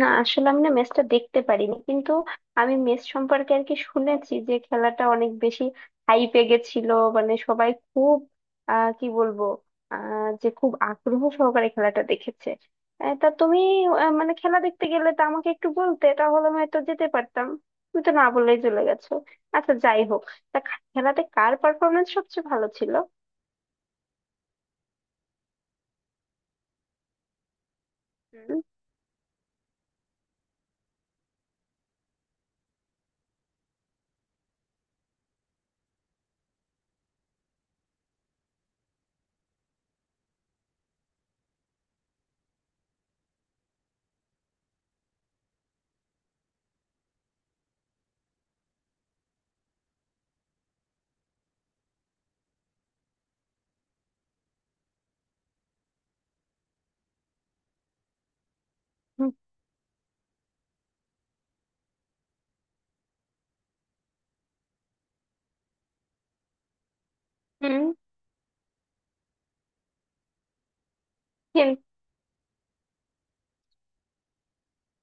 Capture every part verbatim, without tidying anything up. না, আসলে আমি না ম্যাচটা দেখতে পারিনি, কিন্তু আমি ম্যাচ সম্পর্কে আর কি শুনেছি যে খেলাটা অনেক বেশি হাইপে গেছিল। মানে সবাই খুব আহ কি বলবো, আহ যে খুব আগ্রহ সহকারে খেলাটা দেখেছে। আহ, তা তুমি আহ, মানে খেলা দেখতে গেলে তা আমাকে একটু বলতে, তাহলে আমি হয়তো যেতে পারতাম। তুমি তো না বলেই চলে গেছো। আচ্ছা, যাই হোক, তা খা- খেলাতে কার পারফরমেন্স সবচেয়ে ভালো ছিল? হুম। হুম। হুম।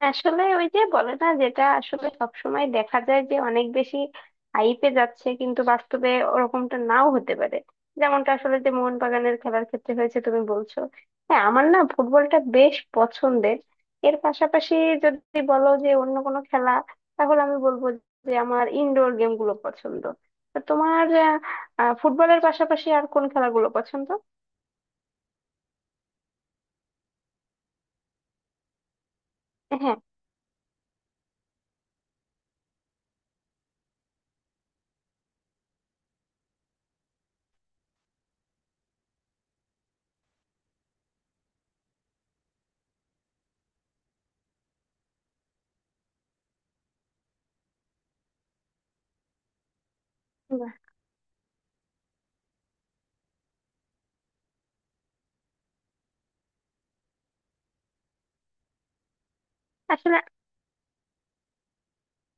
আসলে ওই যে বলে না, যেটা আসলে সবসময় দেখা যায় যে অনেক বেশি হাইপে যাচ্ছে কিন্তু বাস্তবে ওরকমটা নাও হতে পারে, যেমনটা আসলে যে মোহনবাগানের খেলার ক্ষেত্রে হয়েছে তুমি বলছো। হ্যাঁ, আমার না ফুটবলটা বেশ পছন্দের। এর পাশাপাশি যদি বলো যে অন্য কোনো খেলা, তাহলে আমি বলবো যে আমার ইনডোর গেমগুলো পছন্দ। তো তোমার আহ, আহ, ফুটবলের পাশাপাশি আর কোন খেলাগুলো পছন্দ? হ্যাঁ। বাহ। আসলে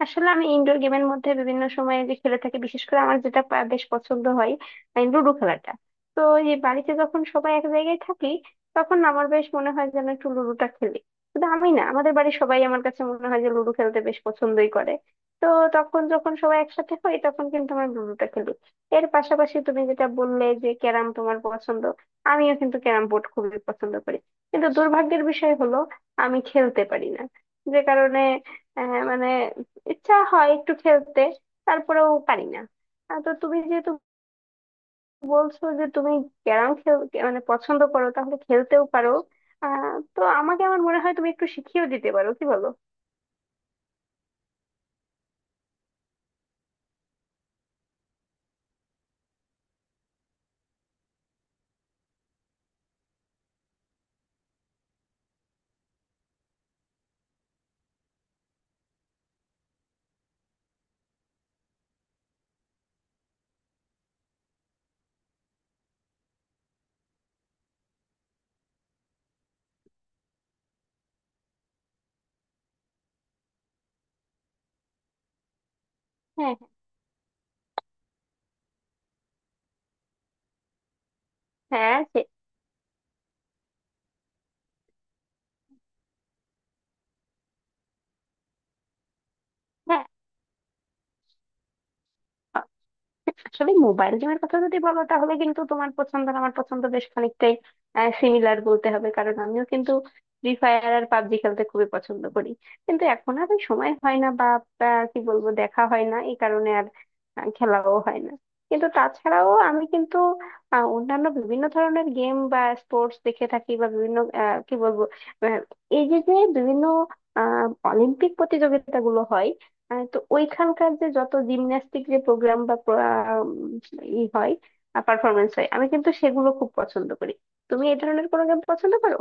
আসলে আমি ইনডোর গেমের মধ্যে বিভিন্ন সময় যে খেলে থাকি, বিশেষ করে আমার যেটা পা- বেশ পছন্দ হয় এই লুডো খেলাটা। তো এই বাড়িতে যখন সবাই এক জায়গায় থাকি, তখন আমার বেশ মনে হয় যেন একটু লুডোটা খেলি। শুধু আমি না, আমাদের বাড়ির সবাই, আমার কাছে মনে হয় যে লুডো খেলতে বেশ পছন্দই করে। তো তখন যখন সবাই একসাথে হই, তখন কিন্তু আমরা লুডোটা খেলি। এর পাশাপাশি তুমি যেটা বললে যে ক্যারাম তোমার পছন্দ, আমিও কিন্তু ক্যারাম বোর্ড খুবই পছন্দ করি। কিন্তু দুর্ভাগ্যের বিষয় হলো আমি খেলতে পারি না। যে কারণে আহ, মানে ইচ্ছা হয় একটু খেলতে, তারপরেও পারি না। আহ, তো তুমি যেহেতু বলছো যে তুমি ক্যারাম খেল, মানে পছন্দ করো, তাহলে খেলতেও পারো। আহ তো আমাকে, আমার মনে হয় তুমি একটু শিখিয়েও দিতে পারো, কি বলো? হ্যাঁ। হ্যাঁ। হ্যাঁ। সে- হ্যাঁ, আসলে মোবাইল গেমের কথা যদি বলো তাহলে কিন্তু তোমার পছন্দ আর আমার পছন্দ বেশ খানিকটাই সিমিলার বলতে হবে, কারণ আমিও কিন্তু ফ্রি ফায়ার আর পাবজি খেলতে খুবই পছন্দ করি। কিন্তু এখন আর ওই সময় হয় না, বা আহ, কি বলবো, দেখা হয় না এই কারণে, আর আহ, খেলাও হয় না। কিন্তু তাছাড়াও আমি কিন্তু আহ, অন্যান্য বিভিন্ন ধরনের গেম বা স্পোর্টস দেখে থাকি, বা বিভিন্ন আহ, কি বলবো, আহ, এই যে যে বিভিন্ন আহ অলিম্পিক প্রতিযোগিতাগুলো হয়, আহ তো ওইখানকার যে যত জিমন্যাস্টিক যে প্রোগ্রাম বা প্র- আম, ই হয়, পারফরমেন্স হয়, আমি কিন্তু সেগুলো খুব পছন্দ করি। তুমি এই ধরনের কোনো গেম পছন্দ করো?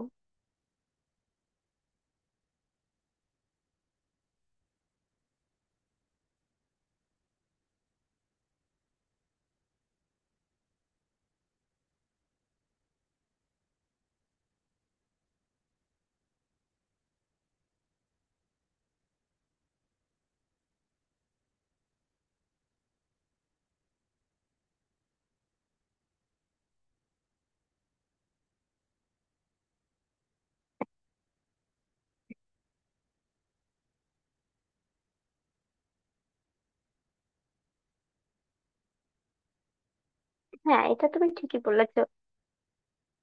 হ্যাঁ, এটা তুমি ঠিকই বলেছ।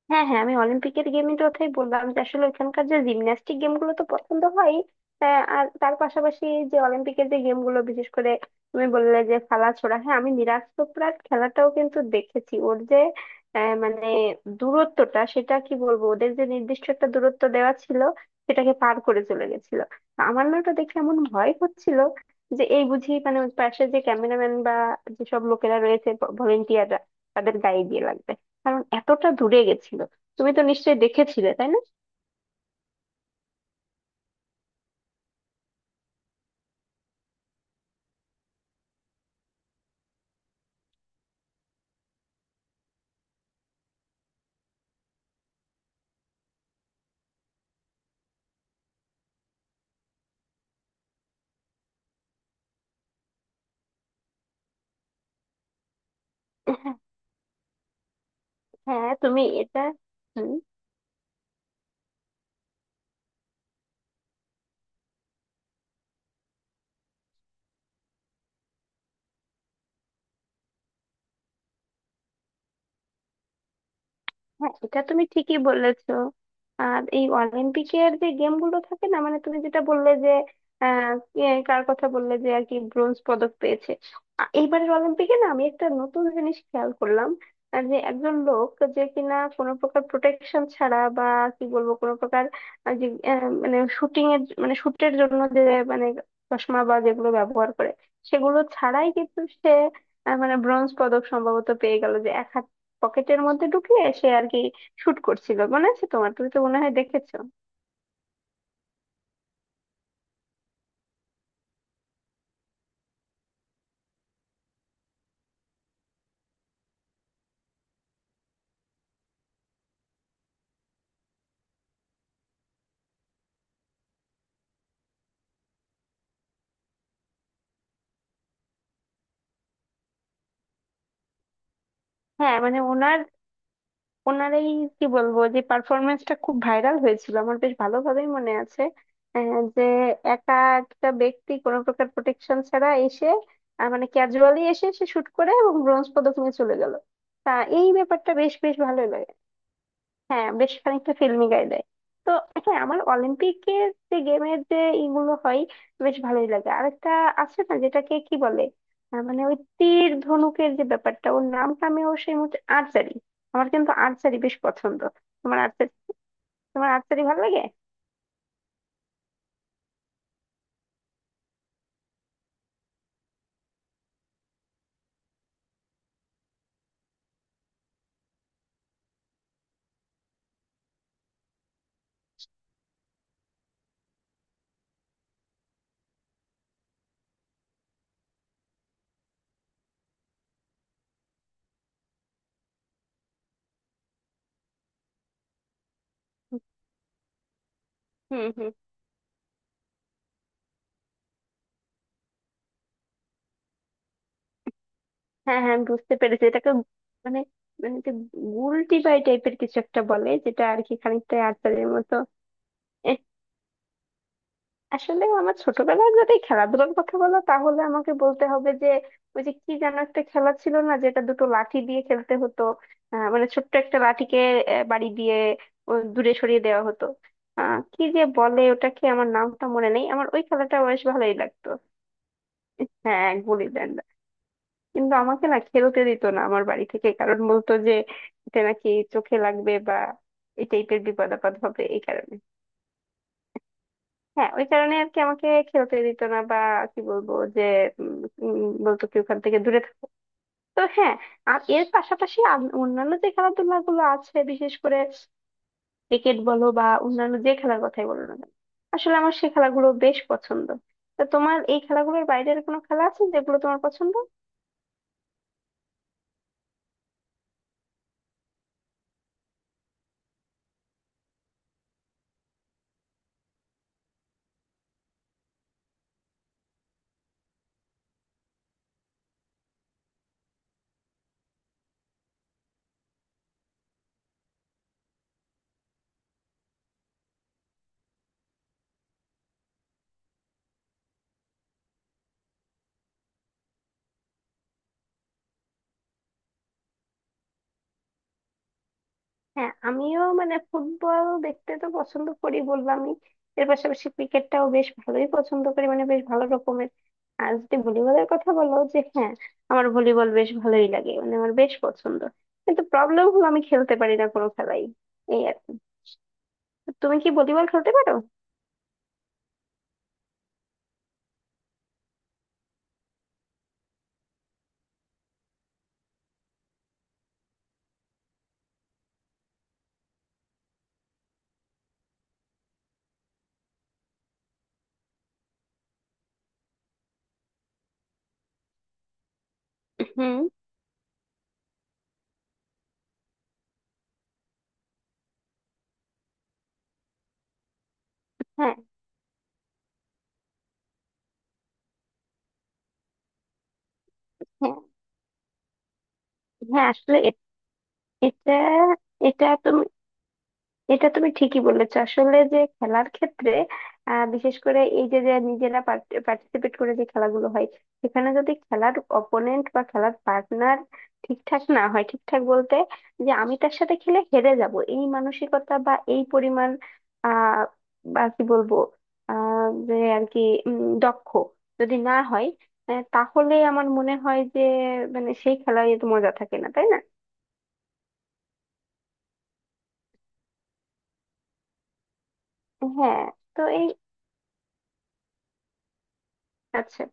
হ্যাঁ, হ্যাঁ, আমি অলিম্পিকের গেমের কথাই বললাম যে আসলে ওইখানকার যে জিমন্যাস্টিক গেমগুলো তো পছন্দ হয়। আর তার পাশাপাশি যে অলিম্পিকের যে গেমগুলো বিশেষ করে তুমি বললে যে খালা ছোড়া, হ্যাঁ, আমি নিরাজ চোপড়ার খেলাটাও কিন্তু দেখেছি। ওর যে আহ, মানে দূরত্বটা সেটা কি বলবো, ওদের যে নির্দিষ্ট একটা দূরত্ব দেওয়া ছিল সেটাকে পার করে চলে গেছিল। আমার না ওটা দেখে এমন ভয় হচ্ছিল যে এই বুঝি মানে ওর পাশে যে ক্যামেরাম্যান বা যেসব লোকেরা রয়েছে, ভলেন্টিয়াররা, তাদের গায়ে দিয়ে লাগবে, কারণ এতটা দূরে গেছিল। তুমি তো নিশ্চয়ই দেখেছিলে, তাই না? হ্যাঁ তুমি এটা হ্যাঁ, এটা তুমি ঠিকই বলেছো। আর এই অলিম্পিকের যে গেম গুলো থাকে না, মানে তুমি যেটা বললে যে আহ, কে, কার কথা বললে যে আর কি ব্রোঞ্জ পদক পেয়েছে। আ, এইবারের অলিম্পিকে না আমি একটা নতুন জিনিস খেয়াল করলাম, আহ, যে একজন লোক, যে কিনা কোনো প্রকার প্রোটেকশন ছাড়া বা কি বলবো কোনো প্রকার আহ, যে আহ, মানে শুটিং এর, মানে শুটের জন্য যে, মানে চশমা বা যেগুলো ব্যবহার করে সেগুলো ছাড়াই কিন্তু সে আহ, মানে ব্রোঞ্জ পদক সম্ভবত পেয়ে গেল। যে এক পকেটের মধ্যে ঢুকিয়ে সে আর কি শুট করছিল, মনে আছে তোমার? তুমি তো মনে হয় দেখেছো। হ্যাঁ, মানে ওনার, ওনার এই কি বলবো যে পারফরমেন্সটা খুব ভাইরাল হয়েছিল, আমার বেশ ভালোভাবেই মনে আছে। আহ, যে একা, একটা ব্যক্তি কোনো প্রকার প্রোটেকশন ছাড়া এসে আহ, মানে ক্যাজুয়ালি এসে সে শুট করে এবং ব্রোঞ্জ পদক নিয়ে চলে গেল। তা এই ব্যাপারটা বেশ বেশ ভালোই লাগে। হ্যাঁ, বেশ খানিকটা ফিল্মি গায়ে দেয়। তো হ্যাঁ, আমার অলিম্পিকের যে গেমের যে ইগুলো হয় বেশ ভালোই লাগে। আরেকটা আছে না, যেটাকে কি বলে, আহ, মানে ওই তীর ধনুকের যে ব্যাপারটা, ওর নামটা আমি ও সেই মুহূর্তে, আর্চারি। আমার কিন্তু আর্চারি বেশ পছন্দ। তোমার আর্চারি তোমার আর্চারি ভালো লাগে? হুম। হুম। হ্যাঁ, হ্যাঁ, আমি বুঝতে পেরেছি এটাকে। মানে মানে যে গুলটি বাই টাইপের কিছু একটা বলে, যেটা আর কি খানিকটা আর্চারির মতো। আসলে আমার ছোটবেলায় যদি এই খেলাধুলার কথা বলো তাহলে আমাকে বলতে হবে যে ওই যে কি যেন একটা খেলা ছিল না, যেটা দুটো লাঠি দিয়ে খেলতে হতো। আহ, মানে ছোট্ট একটা লাঠিকে আহ, বাড়ি দিয়ে ও দূরে সরিয়ে দেওয়া হতো। আহ কি যে বলে ওটাকে, আমার নামটা মনে নেই, আমার ওই খেলাটা বেশ ভালোই লাগতো। হ্যাঁ, গুলি ডান্ডা। কিন্তু আমাকে না খেলতে দিত না আমার বাড়ি থেকে, কারণ বলতো যে এটা নাকি চোখে লাগবে বা এই টাইপের বিপদ আপদ হবে এই কারণে। হ্যাঁ, ওই কারণে আর কি আমাকে খেলতে দিত না, বা কি বলবো যে উম, উম, বলতো কি ওখান থেকে দূরে থাকো। তো হ্যাঁ, আর এর পাশাপাশি আম- অন্যান্য যে খেলাধুলা গুলো আছে, বিশেষ করে ক্রিকেট বলো বা অন্যান্য যে খেলার কথাই বলো না কেন, আসলে আমার সেই খেলাগুলো বেশ পছন্দ। তো তোমার এই খেলাগুলোর বাইরের কোনো খেলা আছে যেগুলো তোমার পছন্দ? হ্যাঁ, আমিও মানে ফুটবল দেখতে তো পছন্দ করি, বললামই। এর পাশাপাশি ক্রিকেটটাও বেশ ভালোই পছন্দ করি, মানে বেশ ভালো রকমের। আর যদি ভলিবলের কথা বলো, যে হ্যাঁ, আমার ভলিবল বেশ ভালোই লাগে, মানে আমার বেশ পছন্দ। কিন্তু প্রবলেম হলো আমি খেলতে পারি না কোনো খেলাই, এই আর কি। তুমি কি ভলিবল খেলতে পারো? হুম। হ্যাঁ। হ্যাঁ। হ্যাঁ। আসলে এ- এটা এটা তুমি এটা তুমি ঠিকই বলেছো। আসলে যে খেলার ক্ষেত্রে আহ, বিশেষ করে এই যে যে নিজেরা পার্টিসিপেট করে যে খেলাগুলো হয়, সেখানে যদি খেলার অপোনেন্ট বা খেলার পার্টনার ঠিকঠাক না হয়, ঠিকঠাক বলতে যে আমি তার সাথে খেলে হেরে যাব এই মানসিকতা বা এই পরিমাণ আহ বা কি বলবো, আহ যে আর কি, উম, দক্ষ যদি না হয়, আহ, তাহলে আমার মনে হয় যে মানে সেই খেলায় তো মজা থাকে না, তাই না? হ্যাঁ, তো এই, আচ্ছা।